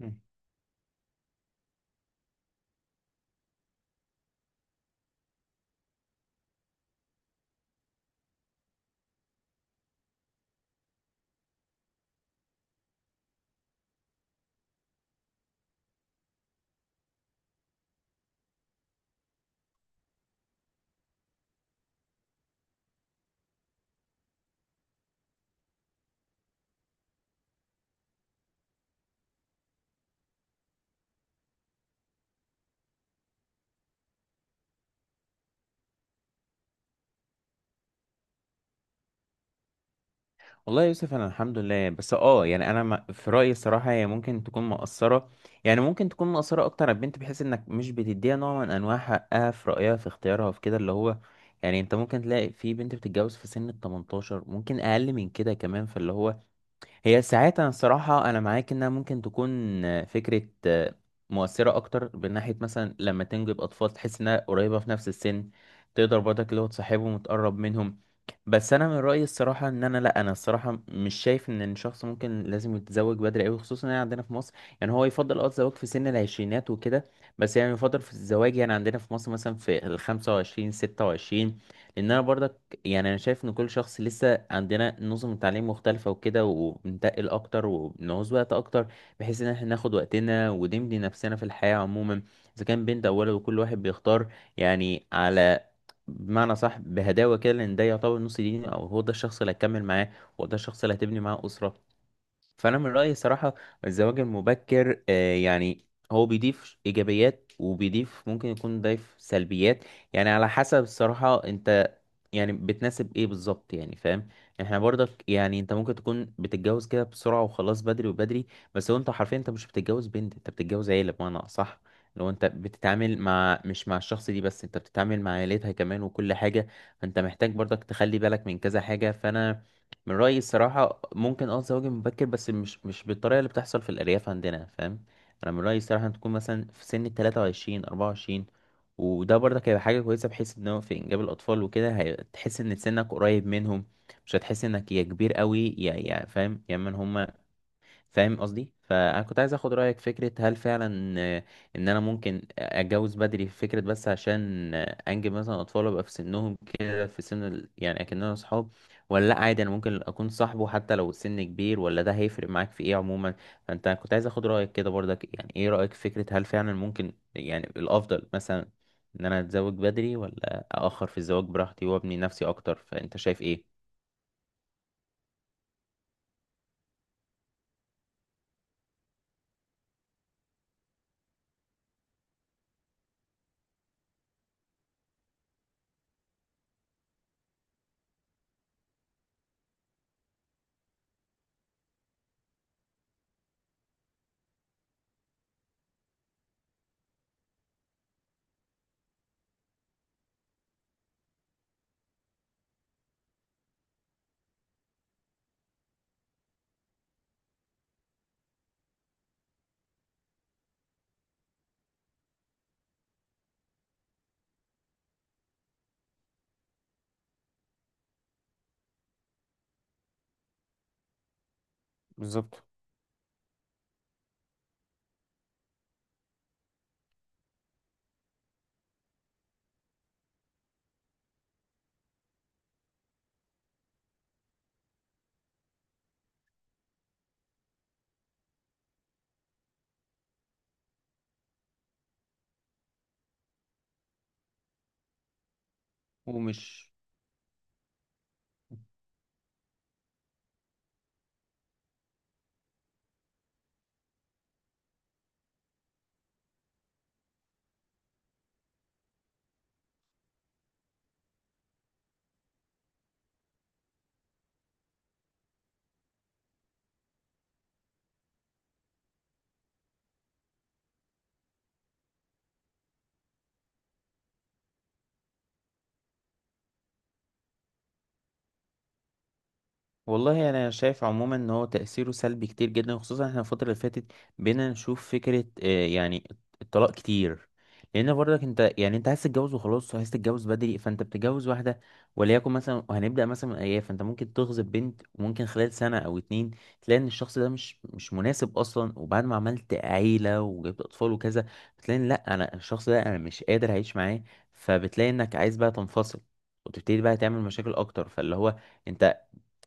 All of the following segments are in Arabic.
مم. والله يا يوسف انا الحمد لله. بس انا ما- في رايي الصراحه هي ممكن تكون مقصره. يعني ممكن تكون مقصره اكتر على البنت، بحيث انك مش بتديها نوع من انواع حقها في رايها في اختيارها في كده. اللي هو يعني انت ممكن تلاقي في بنت بتتجوز في سن ال 18، ممكن اقل من كده كمان. فاللي هو هي ساعات انا معاك انها ممكن تكون فكره مؤثره اكتر، من ناحيه مثلا لما تنجب اطفال تحس انها قريبه في نفس السن، تقدر برضك اللي هو تصاحبهم وتقرب منهم. بس انا من رايي الصراحه ان انا لا انا الصراحه مش شايف ان الشخص ممكن لازم يتزوج بدري قوي، خصوصا يعني عندنا في مصر. يعني هو يفضل الزواج في سن العشرينات وكده. بس يعني يفضل في الزواج يعني عندنا في مصر مثلا في ال 25 26. لان انا برضك يعني انا شايف ان كل شخص، لسه عندنا نظم التعليم مختلفه وكده، وبنتقل اكتر وبنعوز وقت اكتر، بحيث ان احنا ناخد وقتنا ونمضي نفسنا في الحياه عموما. اذا كان بنت او ولد، وكل واحد بيختار يعني على بمعنى صح، بهداوه كده، لان ده يعتبر نص ديني. او هو ده الشخص اللي هتكمل معاه، هو ده الشخص اللي هتبني معاه اسره. فانا من رايي صراحه، الزواج المبكر هو بيضيف ايجابيات وبيضيف ممكن يكون ضيف سلبيات. يعني على حسب الصراحه انت يعني بتناسب ايه بالظبط، يعني فاهم. احنا برضك يعني انت ممكن تكون بتتجوز كده بسرعه، وخلاص بدري وبدري. بس هو انت حرفيا انت مش بتتجوز بنت، انت بتتجوز عيله بمعنى صح. لو انت بتتعامل مع مش مع الشخص دي بس، انت بتتعامل مع عيلتها كمان وكل حاجه. فانت محتاج برضك تخلي بالك من كذا حاجه. فانا من رأيي الصراحة ممكن الزواج مبكر، بس مش بالطريقة اللي بتحصل في الأرياف عندنا، فاهم. أنا من رأيي الصراحة تكون مثلا في سن التلاتة وعشرين أربعة وعشرين. وده برضك هيبقى حاجة كويسة، بحيث إن هو في إنجاب الأطفال وكده هتحس إن سنك قريب منهم. مش هتحس إنك يا كبير قوي، يا فاهم، يا من هما. فاهم قصدي. فانا كنت عايز اخد رايك في فكره، هل فعلا ان انا ممكن اتجوز بدري في فكره، بس عشان انجب مثلا اطفال ابقى في سنهم كده، في سن يعني اكننا اصحاب. ولا لا عادي انا ممكن اكون صاحبه حتى لو السن كبير، ولا ده هيفرق معاك في ايه عموما. فانت كنت عايز اخد رايك كده برضك، يعني ايه رايك في فكره، هل فعلا ممكن يعني الافضل مثلا ان انا اتزوج بدري، ولا اخر في الزواج براحتي وابني نفسي اكتر، فانت شايف ايه؟ بالظبط. ومش والله يعني انا شايف عموما ان هو تاثيره سلبي كتير جدا، وخصوصا احنا الفتره اللي فاتت بقينا نشوف فكره الطلاق كتير. لان برضك انت يعني انت عايز تتجوز وخلاص، وعايز تتجوز بدري، فانت بتتجوز واحده وليكن مثلا. وهنبدا مثلا من ايام، فانت ممكن تغصب بنت، وممكن خلال سنه او اتنين تلاقي ان الشخص ده مش مناسب اصلا. وبعد ما عملت عيله وجبت اطفال وكذا، بتلاقي إن لا انا الشخص ده انا مش قادر اعيش معاه. فبتلاقي انك عايز بقى تنفصل، وتبتدي بقى تعمل مشاكل اكتر. فاللي هو انت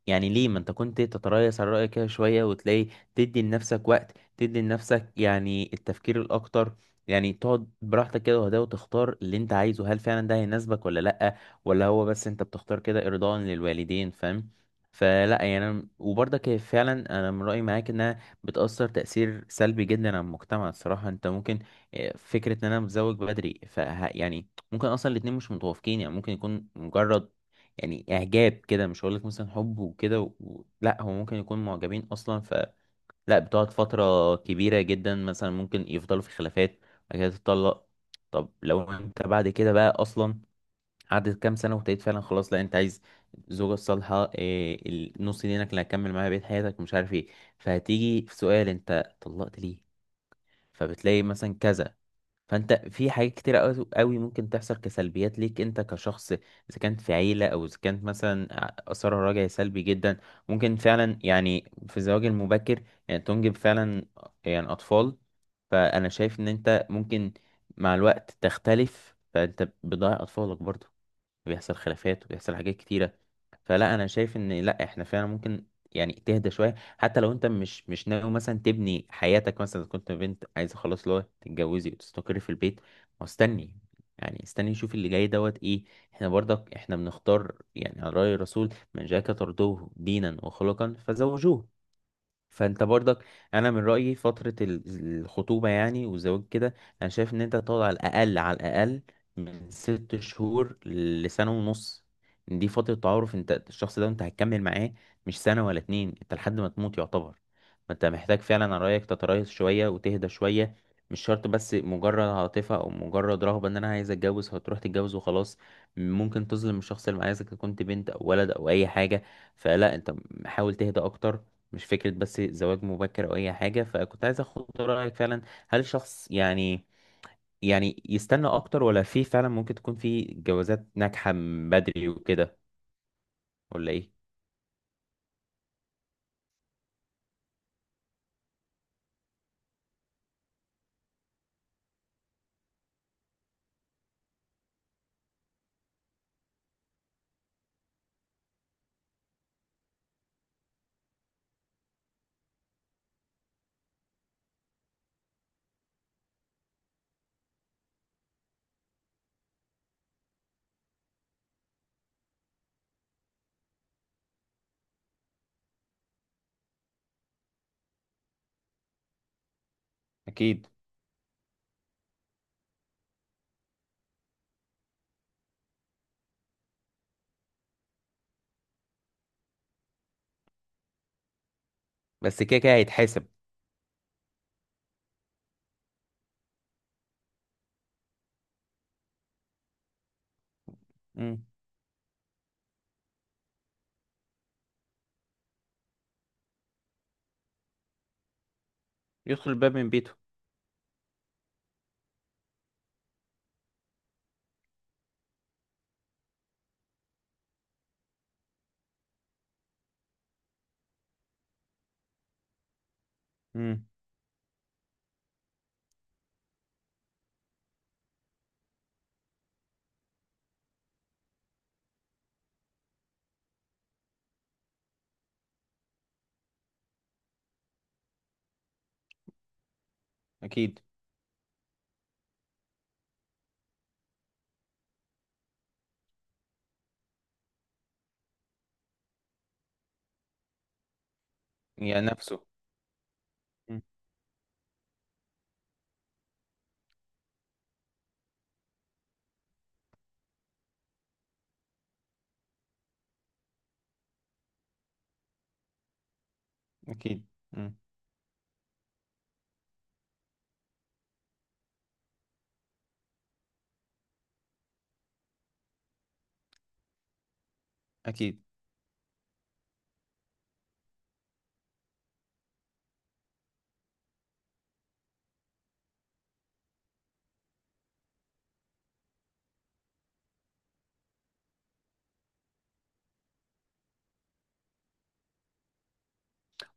يعني ليه ما انت كنت تتريث على رأيك كده شوية، وتلاقي تدي لنفسك وقت، تدي لنفسك يعني التفكير الأكتر. يعني تقعد براحتك كده وهدا، وتختار اللي انت عايزه، هل فعلا ده هيناسبك ولا لأ، ولا هو بس انت بتختار كده إرضاء للوالدين، فاهم. فلا وبرضك هي فعلا انا من رأيي معاك انها بتأثر تأثير سلبي جدا على المجتمع الصراحة. انت ممكن اه، فكرة ان انا متزوج بدري، يعني ممكن اصلا الاتنين مش متوافقين. يعني ممكن يكون مجرد يعني اعجاب كده، مش هقولك مثلا حب وكده لا هو ممكن يكون معجبين اصلا. فلا، بتقعد فتره كبيره جدا مثلا، ممكن يفضلوا في خلافات، بعد كده تتطلق. طب لو انت بعد كده بقى اصلا قعدت كام سنه، وابتديت فعلا خلاص لا انت عايز الزوجه الصالحه إيه، النص دينك اللي هتكمل معاها بقية حياتك مش عارف ايه. فهتيجي في سؤال انت طلقت ليه، فبتلاقي مثلا كذا. فانت في حاجات كتير قوي قوي ممكن تحصل كسلبيات ليك انت كشخص، اذا كانت في عيله او اذا كانت مثلا اثرها راجعي سلبي جدا. ممكن فعلا يعني في الزواج المبكر يعني تنجب فعلا يعني اطفال، فانا شايف ان انت ممكن مع الوقت تختلف، فانت بتضيع اطفالك برضه، وبيحصل خلافات وبيحصل حاجات كتيرة. فلا انا شايف ان لا احنا فعلا ممكن يعني تهدى شوية. حتى لو انت مش ناوي مثلا تبني حياتك، مثلا إذا كنت بنت عايزة خلاص اللي هو تتجوزي وتستقري في البيت، ما استني يعني استني شوف اللي جاي دوت ايه. احنا برضك احنا بنختار، يعني على رأي الرسول، من جاءك ترضوه دينا وخلقا فزوجوه. فانت برضك انا من رايي فتره الخطوبه يعني والزواج كده، انا شايف ان انت تقعد على الاقل على الاقل من ست شهور لسنه ونص. دي فتره تعارف انت الشخص ده انت هتكمل معاه، مش سنه ولا اتنين، انت لحد ما تموت يعتبر. فانت محتاج فعلا على رايك تتريث شويه وتهدى شويه. مش شرط بس مجرد عاطفه، او مجرد رغبه ان انا عايز اتجوز فتروح تتجوز وخلاص، ممكن تظلم الشخص اللي معاك اذا كنت بنت او ولد او اي حاجه. فلا انت حاول تهدى اكتر، مش فكرة بس زواج مبكر أو أي حاجة. فكنت عايز أخد رأيك فعلا، هل شخص يعني يعني يستنى أكتر، ولا في فعلا ممكن تكون في جوازات ناجحة من بدري وكده، ولا إيه؟ أكيد. بس كده كده هيتحاسب. مم. يدخل الباب من بيته. مم. أكيد. يعني نفسه. مم. أكيد. مم. أكيد.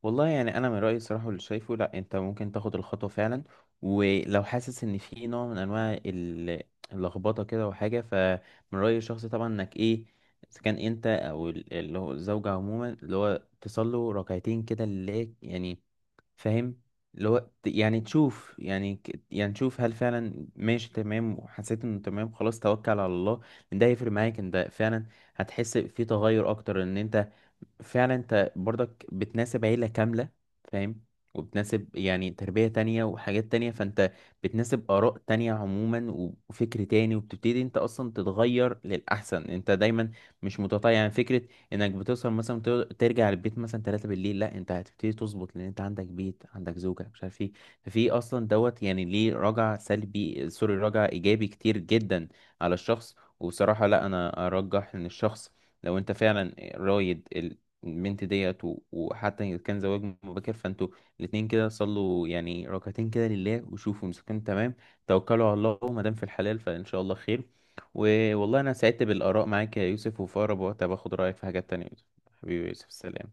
والله يعني انا من رايي الصراحه واللي شايفه، لا انت ممكن تاخد الخطوه فعلا. ولو حاسس ان في نوع من انواع اللخبطه كده وحاجه، فمن رايي الشخصي طبعا انك ايه، اذا كان انت او اللي هو الزوجه عموما، اللي هو تصلوا ركعتين كده لله يعني، فاهم. يعني تشوف يعني تشوف هل فعلا ماشي تمام، وحسيت انه تمام خلاص توكل على الله. ان ده هيفرق معاك، ان ده فعلا هتحس في تغير اكتر. ان انت فعلا انت برضك بتناسب عيلة كاملة، فاهم. وبتناسب يعني تربية تانية وحاجات تانية، فانت بتناسب آراء تانية عموما وفكر تاني، وبتبتدي انت اصلا تتغير للأحسن. انت دايما مش متطيع يعني فكرة انك بتوصل مثلا ترجع البيت مثلا 3 بالليل، لا انت هتبتدي تظبط، لان انت عندك بيت عندك زوجة مش عارف ايه. ففي اصلا دوت يعني ليه رجع سلبي، سوري رجع ايجابي كتير جدا على الشخص. وبصراحة لا انا ارجح ان الشخص لو انت فعلا رايد البنت ديت، وحتى إن كان زواج مبكر، فانتوا الاتنين كده صلوا يعني ركعتين كده لله، وشوفوا مسكن تمام، توكلوا على الله، وما دام في الحلال فان شاء الله خير. ووالله انا سعدت بالاراء معاك يا يوسف، وفي اقرب وقت باخد رايك في حاجات تانية يا يوسف. حبيبي يا يوسف، سلام.